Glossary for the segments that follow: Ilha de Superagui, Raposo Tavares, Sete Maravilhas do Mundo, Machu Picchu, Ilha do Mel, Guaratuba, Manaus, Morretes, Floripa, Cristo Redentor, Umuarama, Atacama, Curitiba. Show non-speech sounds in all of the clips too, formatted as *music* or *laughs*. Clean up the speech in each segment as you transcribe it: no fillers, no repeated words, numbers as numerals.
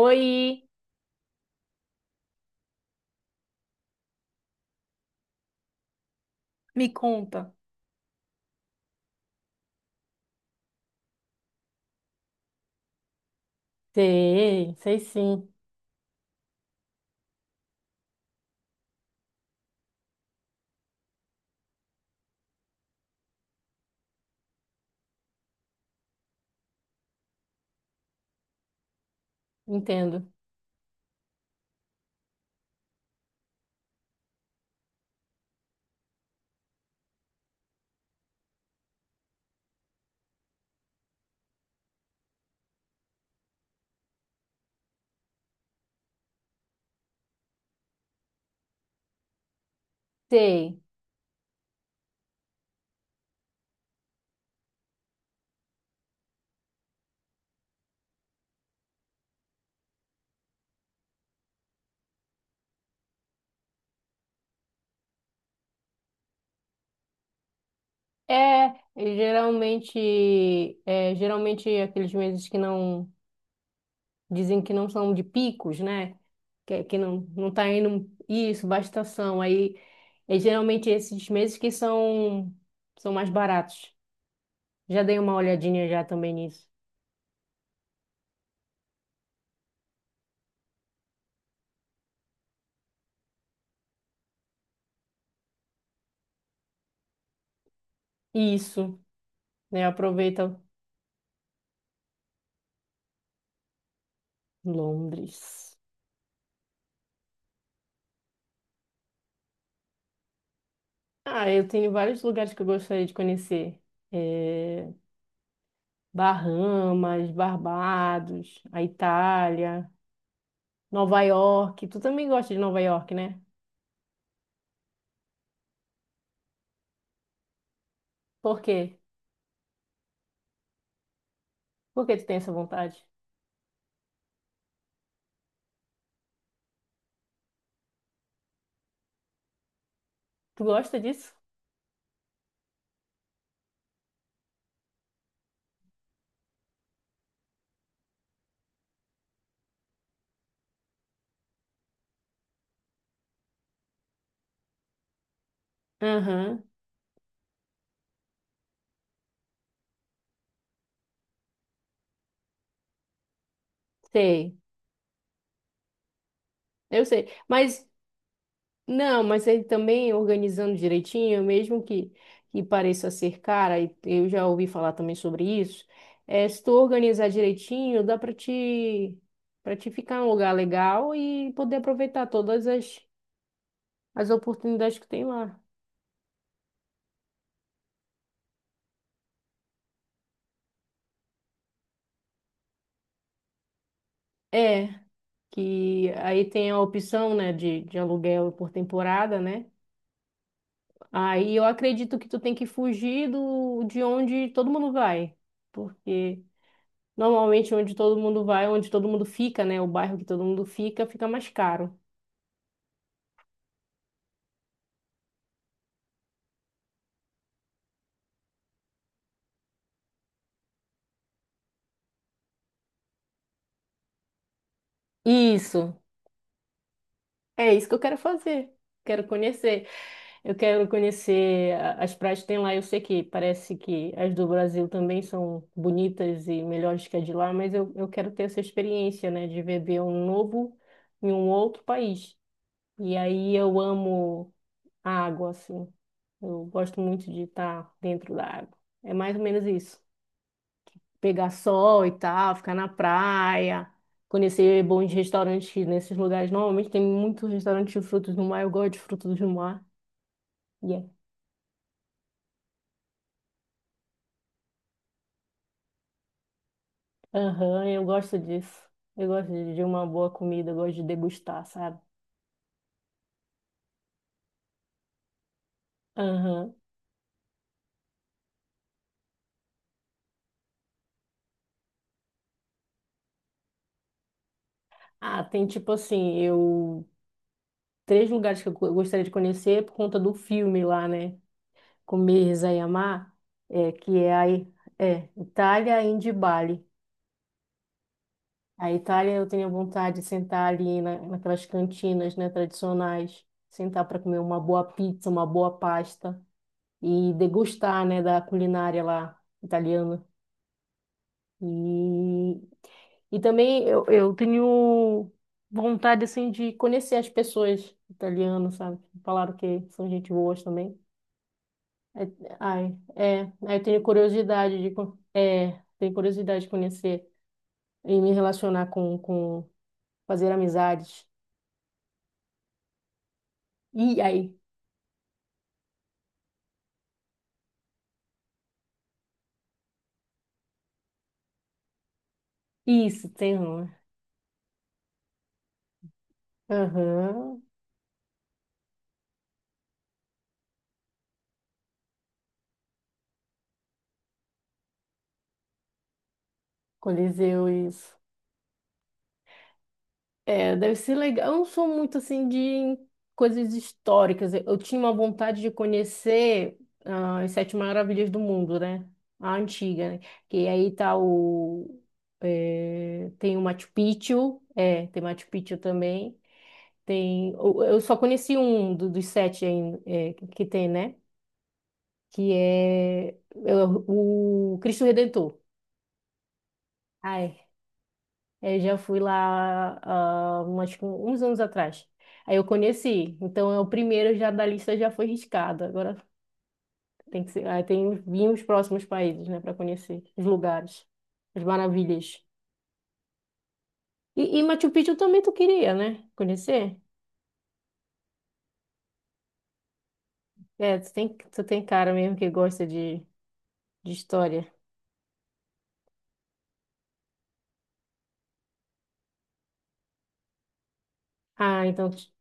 Oi. Me conta. Sei, sei sim. Entendo. Sei. É, geralmente, geralmente aqueles meses que não dizem que não são de picos, né? Que não tá indo isso, baixa estação. Aí é geralmente esses meses que são mais baratos. Já dei uma olhadinha já também nisso. Isso, né? Aproveita. Londres. Ah, eu tenho vários lugares que eu gostaria de conhecer. É, Bahamas, Barbados, a Itália, Nova York. Tu também gosta de Nova York, né? Por quê? Por que tu tem essa vontade? Tu gosta disso? Aham, sei. Eu sei. Mas, não, mas ele também organizando direitinho, mesmo que pareça ser cara, e eu já ouvi falar também sobre isso, se tu organizar direitinho, para te ficar em um lugar legal e poder aproveitar as oportunidades que tem lá. É, que aí tem a opção, né, de aluguel por temporada, né? Aí eu acredito que tu tem que fugir do, de onde todo mundo vai, porque normalmente onde todo mundo vai, onde todo mundo fica, né, o bairro que todo mundo fica, fica mais caro. Isso, é isso que eu quero fazer. Quero conhecer. Eu quero conhecer as praias que tem lá. Eu sei que parece que as do Brasil também são bonitas e melhores que as de lá, mas eu quero ter essa experiência, né, de beber um novo em um outro país. E aí eu amo a água, assim. Eu gosto muito de estar dentro da água. É mais ou menos isso. Pegar sol e tal, ficar na praia, conhecer bons restaurantes nesses lugares. Normalmente tem muitos restaurantes de frutos do mar. Eu gosto de frutos do mar. Aham, eu gosto disso. Eu gosto de uma boa comida, eu gosto de degustar, sabe? Aham. Ah, tem tipo assim, eu... Três lugares que eu gostaria de conhecer é por conta do filme lá, né? Com rezar e amar, que é a Itália, Índia e Bali. A Itália eu tenho vontade de sentar ali naquelas cantinas, né, tradicionais, sentar para comer uma boa pizza, uma boa pasta e degustar, né, da culinária lá italiana. E e também eu tenho vontade, assim, de conhecer as pessoas italianas, sabe? Falaram que são gente boas também. É, aí eu tenho curiosidade de, tenho curiosidade de conhecer e me relacionar com fazer amizades. E aí, isso, tem, razão, né? Aham. Coliseu, isso. É, deve ser legal. Eu não sou muito assim de coisas históricas. Eu tinha uma vontade de conhecer ah, as Sete Maravilhas do Mundo, né? A antiga, né? Que aí tá o. É, tem o Machu Picchu, é, tem Machu Picchu também. Tem, eu só conheci um dos sete ainda, é, que tem, né? Que é, é o Cristo Redentor. É, eu já fui lá, ah, uns anos atrás. Aí eu conheci. Então, é o primeiro já da lista já foi riscado. Agora tem que ser, aí tem vir os próximos países, né, para conhecer os lugares, as maravilhas. E Machu Picchu também tu queria, né? Conhecer? É, tu tem cara mesmo que gosta de história. Ah, então, tu...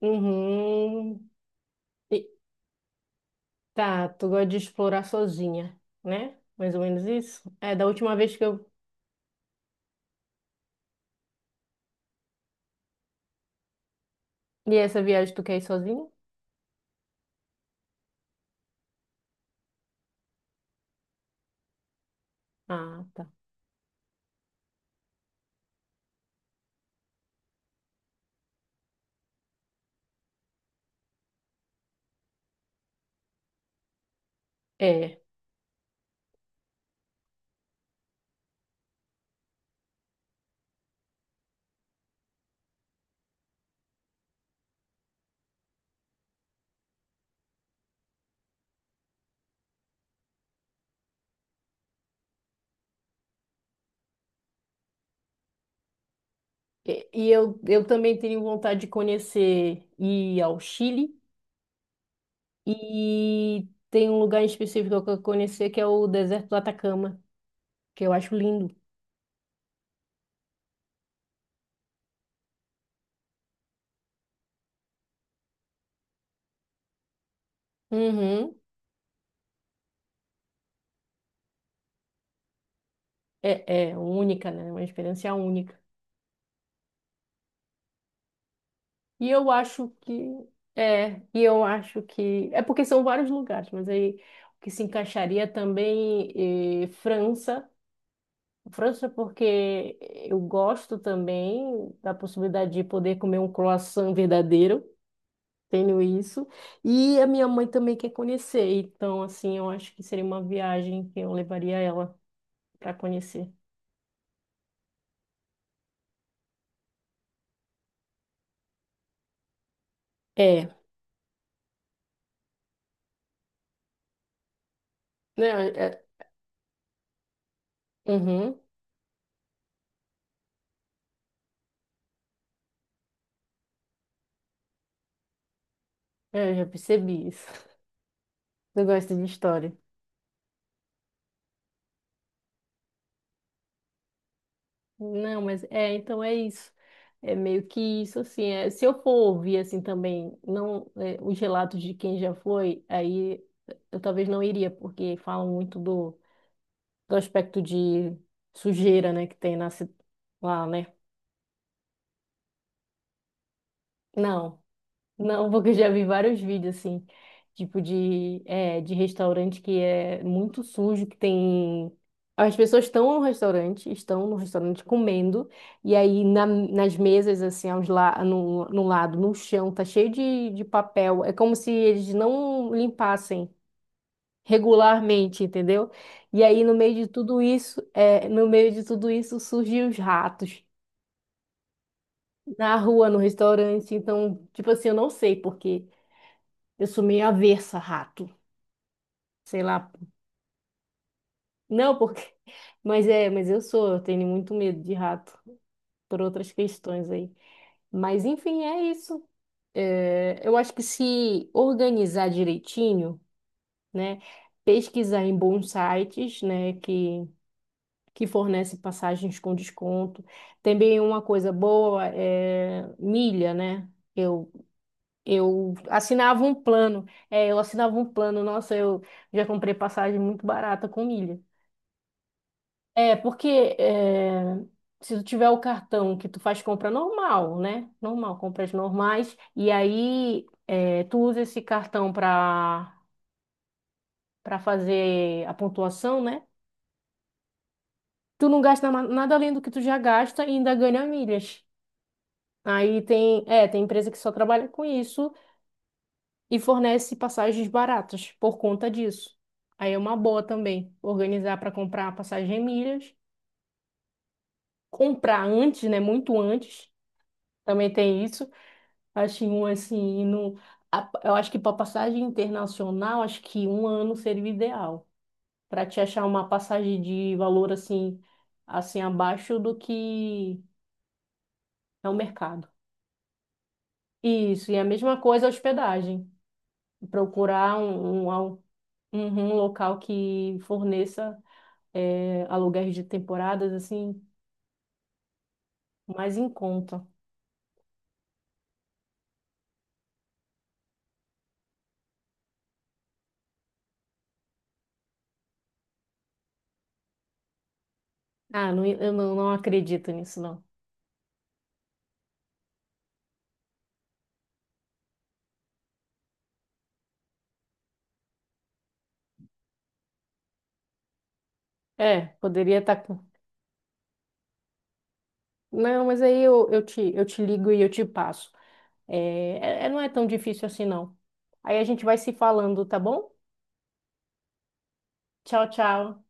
Uhum. E- tá, tu gosta de explorar sozinha, né? Mais ou menos isso. É, da última vez que eu. E essa viagem tu quer ir sozinha? Ah, tá. É. E e eu também tenho vontade de conhecer ir ao Chile e tem um lugar em específico que eu quero conhecer que é o deserto do Atacama, que eu acho lindo. Uhum. É, é única, né? Uma experiência única. E eu acho que e eu acho que é porque são vários lugares, mas aí o que se encaixaria também eh, França. França, porque eu gosto também da possibilidade de poder comer um croissant verdadeiro, tenho isso. E a minha mãe também quer conhecer, então, assim, eu acho que seria uma viagem que eu levaria ela para conhecer. É, né? É, uhum, eu já percebi isso. *laughs* Eu gosto de história. Não, mas é, então é isso. É meio que isso, assim, se eu for ouvir, assim, também, não, é, os relatos de quem já foi, aí eu talvez não iria, porque falam muito do, do aspecto de sujeira, né, que tem lá, né? Não. Não, porque eu já vi vários vídeos assim, de restaurante que é muito sujo, que tem. As pessoas estão no restaurante comendo, e aí nas mesas, assim, aos la no, no lado, no chão, tá cheio de papel. É como se eles não limpassem regularmente, entendeu? E aí no meio de tudo isso, é, no meio de tudo isso surgem os ratos na rua, no restaurante. Então, tipo assim, eu não sei por quê. Eu sou meio avessa a rato. Sei lá. Não, porque. *laughs* Mas é, mas eu sou, eu tenho muito medo de rato por outras questões aí. Mas enfim, é isso. É, eu acho que se organizar direitinho, né? Pesquisar em bons sites, né? Que fornecem passagens com desconto. Também uma coisa boa é milha, né? Eu, eu assinava um plano. É, eu assinava um plano. Nossa, eu já comprei passagem muito barata com milha. É, porque é, se tu tiver o cartão que tu faz compra normal, né? Normal, compras normais, e aí é, tu usa esse cartão para fazer a pontuação, né? Tu não gasta nada além do que tu já gasta e ainda ganha milhas. Aí tem, é, tem empresa que só trabalha com isso e fornece passagens baratas por conta disso. Aí é uma boa também organizar para comprar passagem em milhas, comprar antes, né? Muito antes. Também tem isso. Acho um assim, no, eu acho que para passagem internacional, acho que um ano seria o ideal. Para te achar uma passagem de valor assim, assim abaixo do que é o mercado. Isso, e a mesma coisa a hospedagem. Procurar um local que forneça eh, aluguéis de temporadas assim, mais em conta. Ah, não, eu não, não acredito nisso, não. É, poderia estar com. Não, mas aí eu te ligo e eu te passo. É, não é tão difícil assim, não. Aí a gente vai se falando, tá bom? Tchau, tchau.